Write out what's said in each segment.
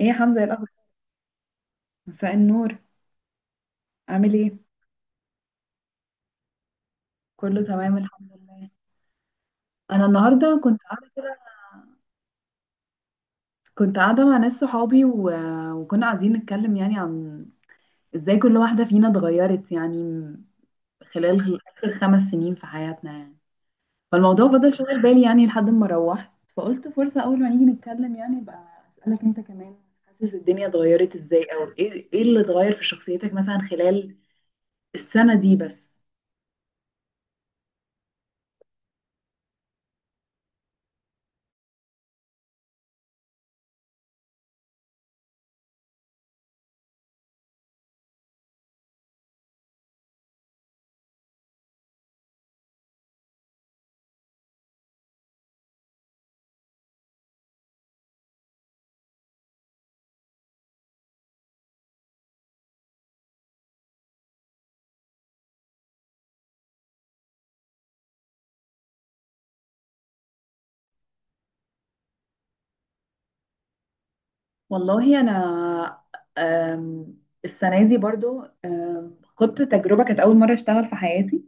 ايه يا حمزة يا الأخبار؟ مساء النور. عامل ايه؟ كله تمام، الحمد لله. انا النهارده كنت قاعده كده، كنت قاعده مع ناس صحابي، وكنا قاعدين نتكلم يعني عن ازاي كل واحده فينا اتغيرت يعني خلال اخر 5 سنين في حياتنا يعني. فالموضوع فضل شغال بالي يعني لحد ما روحت، فقلت فرصه اول ما نيجي نتكلم يعني بقى اسالك انت كمان. حاسس الدنيا اتغيرت ازاي، او ايه اللي اتغير في شخصيتك مثلا خلال السنه دي بس؟ والله انا، أم، السنه دي برضو خدت تجربه، كانت اول مره اشتغل في حياتي.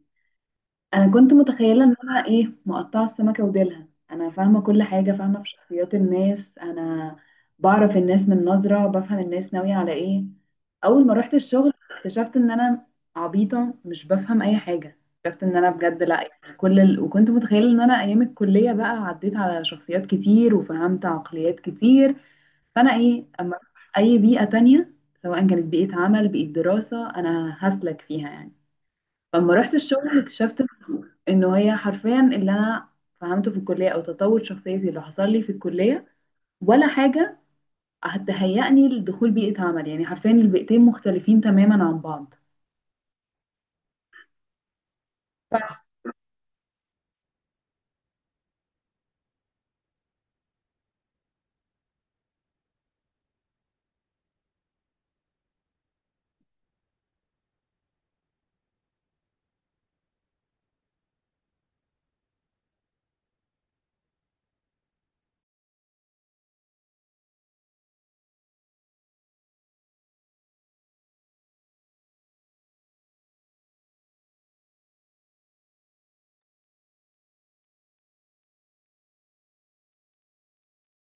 انا كنت متخيله ان انا ايه مقطعه السمكه وديلها، انا فاهمه كل حاجه، فاهمه في شخصيات الناس، انا بعرف الناس من نظره، بفهم الناس ناويه على ايه. اول ما رحت الشغل اكتشفت ان انا عبيطه، مش بفهم اي حاجه. اكتشفت ان انا بجد لا، يعني وكنت متخيله ان انا ايام الكليه بقى عديت على شخصيات كتير وفهمت عقليات كتير، فانا ايه اما اروح اي بيئه تانية سواء كانت بيئه عمل، بيئه دراسه، انا هسلك فيها يعني. فلما رحت الشغل اكتشفت انه هي حرفيا اللي انا فهمته في الكليه او تطور شخصيتي اللي حصل لي في الكليه ولا حاجه هتهيئني لدخول بيئه عمل، يعني حرفيا البيئتين مختلفين تماما عن بعض.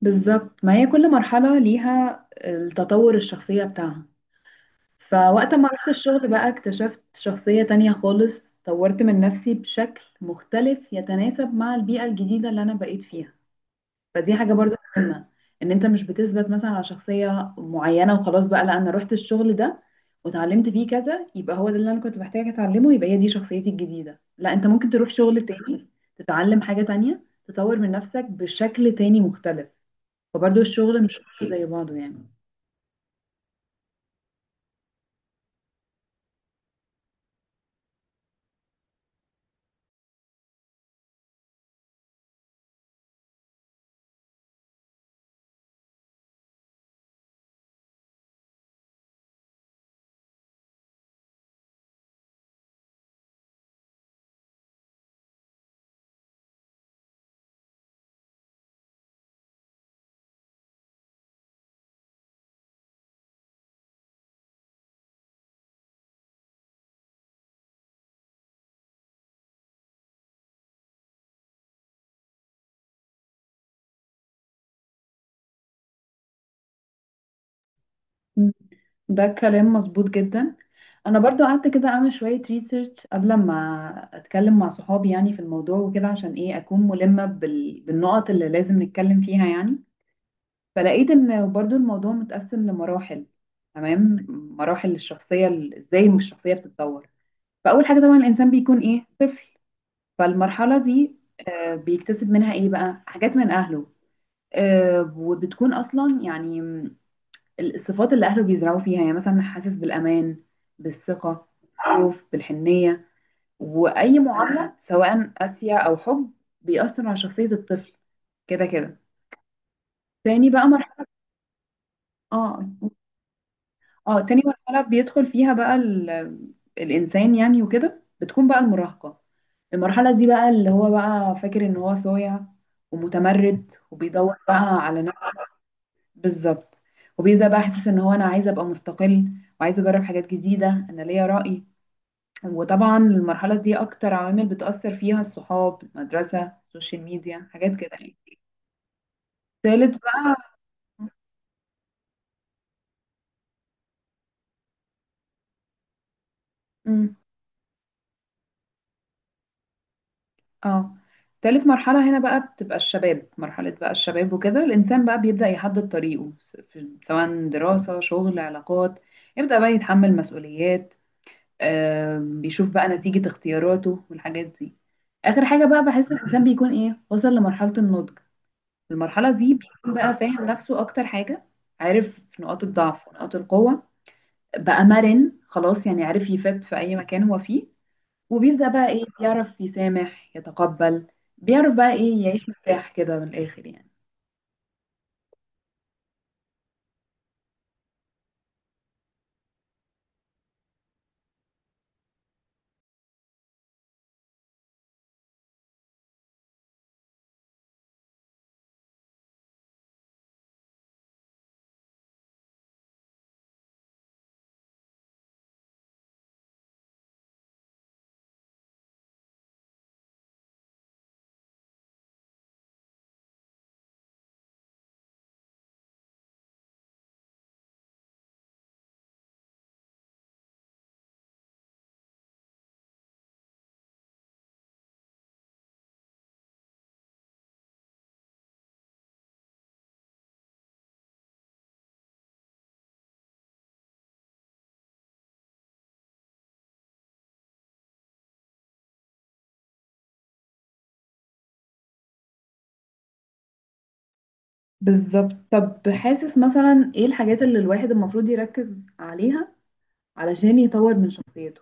بالظبط، ما هي كل مرحله ليها التطور الشخصيه بتاعها. فوقت ما رحت الشغل بقى اكتشفت شخصية تانية خالص، طورت من نفسي بشكل مختلف يتناسب مع البيئة الجديدة اللي أنا بقيت فيها. فدي حاجة برضو مهمة، إن أنت مش بتثبت مثلا على شخصية معينة وخلاص بقى. لا، أنا رحت الشغل ده وتعلمت فيه كذا، يبقى هو ده اللي أنا كنت محتاجة أتعلمه، يبقى هي دي شخصيتي الجديدة. لا، أنت ممكن تروح شغل تاني، تتعلم حاجة تانية، تطور من نفسك بشكل تاني مختلف. فبرضو الشغل مش كله زي بعضه يعني. م. ده كلام مظبوط جدا. انا برضو قعدت كده اعمل شوية ريسيرش قبل ما اتكلم مع صحابي يعني في الموضوع وكده، عشان ايه اكون ملمة بالنقط اللي لازم نتكلم فيها يعني. فلقيت ان برضو الموضوع متقسم لمراحل. تمام، مراحل الشخصية، ازاي الشخصية بتتطور. فاول حاجة طبعا الانسان بيكون ايه طفل. فالمرحلة دي بيكتسب منها ايه بقى حاجات من اهله، وبتكون اصلا يعني الصفات اللي اهله بيزرعوا فيها، يعني مثلا حاسس بالامان، بالثقة، بالخوف، بالحنية. واي معامله سواء قاسيه او حب بيأثر على شخصيه الطفل كده كده. تاني بقى مرحله. اه. اه، تاني مرحله بيدخل فيها بقى الانسان يعني وكده، بتكون بقى المراهقه. المرحله دي بقى اللي هو بقى فاكر ان هو صايع ومتمرد وبيدور بقى على نفسه. بالظبط. وبيبدا بقى حاسس ان هو انا عايز ابقى مستقل، وعايز اجرب حاجات جديده، انا ليا رأي. وطبعا المرحله دي اكتر عوامل بتأثر فيها الصحاب، المدرسه، السوشيال ميديا، حاجات كده يعني. تالت بقى. مم. اه، تالت مرحلة هنا بقى بتبقى الشباب. مرحلة بقى الشباب وكده الإنسان بقى بيبدأ يحدد طريقه، سواء دراسة، شغل، علاقات. يبدأ بقى يتحمل مسؤوليات، بيشوف بقى نتيجة اختياراته والحاجات دي. آخر حاجة بقى بحس الإنسان بيكون إيه وصل لمرحلة النضج. في المرحلة دي بيكون بقى فاهم نفسه أكتر حاجة، عارف نقاط الضعف ونقاط القوة، بقى مرن خلاص يعني، عارف يفت في أي مكان هو فيه. وبيبدأ بقى إيه بيعرف يسامح، يتقبل، بيعرف بقى إيه يعيش مرتاح كده من الآخر يعني. بالظبط. طب حاسس مثلا إيه الحاجات اللي الواحد المفروض يركز عليها علشان يطور من شخصيته؟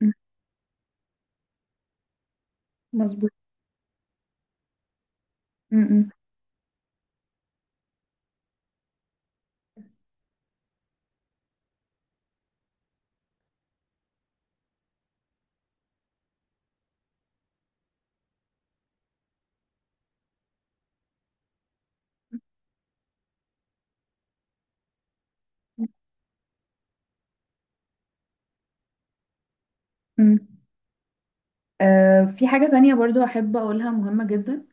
م- مظبوط. م- م- م- م- في حاجة تانية برضو أحب أقولها مهمة جدا،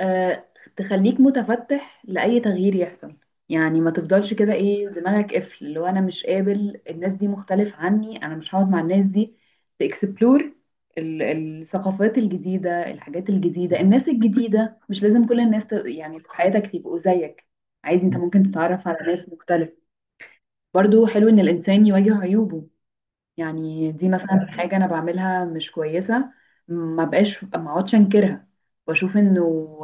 آه، تخليك متفتح لأي تغيير يحصل. يعني ما تفضلش كده ايه دماغك قفل، اللي هو انا مش قابل، الناس دي مختلف عني، انا مش هقعد مع الناس دي. تكسبلور الثقافات الجديدة، الحاجات الجديدة، الناس الجديدة. مش لازم كل الناس يعني في حياتك يبقوا زيك، عادي انت ممكن تتعرف على ناس مختلف. برضو حلو ان الانسان يواجه عيوبه، يعني دي مثلا حاجة انا بعملها مش كويسة، ما بقاش ما اقعدش انكرها واشوف انه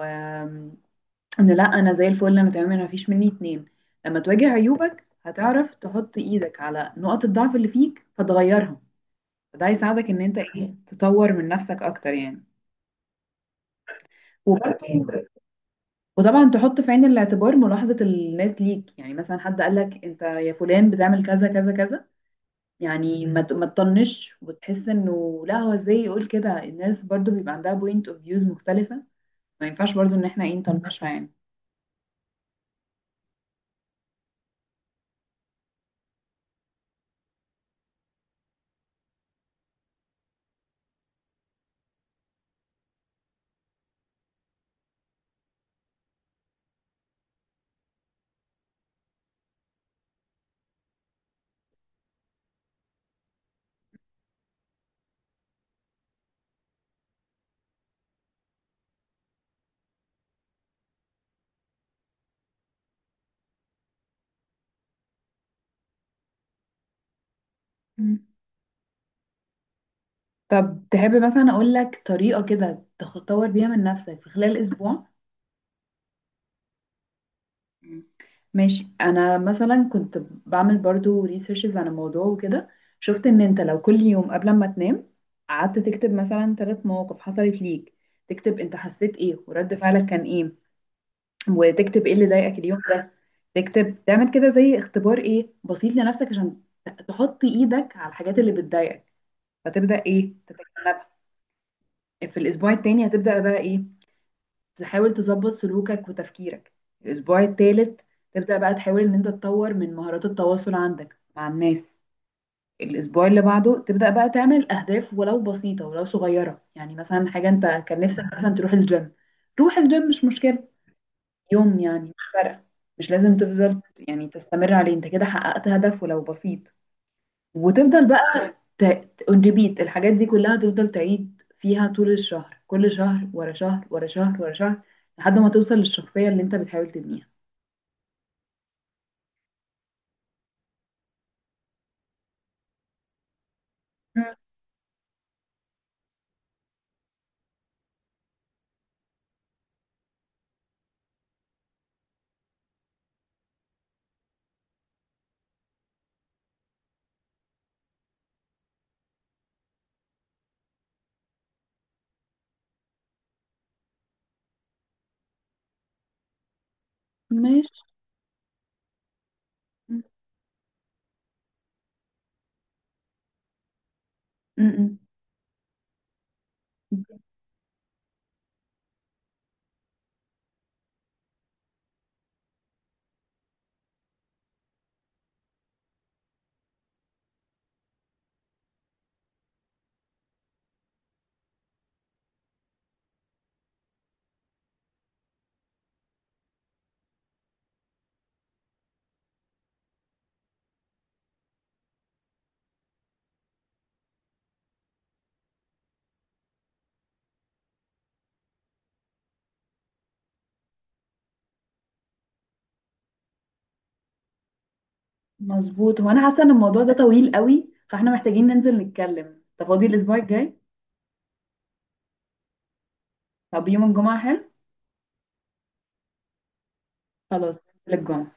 انه لا انا زي الفل، انا تمام، انا مفيش مني اتنين. لما تواجه عيوبك هتعرف تحط ايدك على نقط الضعف اللي فيك فتغيرها، فده هيساعدك ان انت ايه تطور من نفسك اكتر يعني. وبرضه وطبعا تحط في عين الاعتبار ملاحظة الناس ليك، يعني مثلا حد قالك انت يا فلان بتعمل كذا كذا كذا، يعني ما تطنش وتحس انه لا هو ازاي يقول كده. الناس برضو بيبقى عندها بوينت اوف فيوز مختلفة، ما ينفعش برضو ان احنا ايه نطنشها يعني. طب تحب مثلا اقول لك طريقة كده تطور بيها من نفسك في خلال اسبوع؟ مم. ماشي. انا مثلا كنت بعمل برضو ريسيرشز عن الموضوع وكده، شفت ان انت لو كل يوم قبل ما تنام قعدت تكتب مثلا ثلاث مواقف حصلت ليك، تكتب انت حسيت ايه، ورد فعلك كان ايه، وتكتب ايه اللي ضايقك اليوم ده. تكتب، تعمل كده زي اختبار ايه بسيط لنفسك عشان تحط ايدك على الحاجات اللي بتضايقك فتبدأ ايه تتجنبها. في الاسبوع التاني هتبدأ بقى ايه تحاول تظبط سلوكك وتفكيرك. الأسبوع الثالث تبدأ بقى تحاول إن أنت تطور من مهارات التواصل عندك مع الناس. الأسبوع اللي بعده تبدأ بقى تعمل أهداف ولو بسيطة ولو صغيرة، يعني مثلا حاجة أنت كان نفسك مثلا تروح الجيم، روح الجيم مش مشكلة، يوم يعني مش فارقة، مش لازم تفضل يعني تستمر عليه، أنت كده حققت هدف ولو بسيط. وتفضل بقى اون ريبيت الحاجات دي كلها، تفضل تعيد فيها طول الشهر، كل شهر ورا شهر ورا شهر ورا شهر، لحد ما توصل للشخصية اللي انت بتحاول تبنيها. مم. ماشي. م- م. مظبوط. هو انا حاسة ان الموضوع ده طويل قوي، فاحنا محتاجين ننزل نتكلم. انت فاضي الاسبوع الجاي؟ طب يوم الجمعة حلو؟ خلاص، ننزل الجمعة.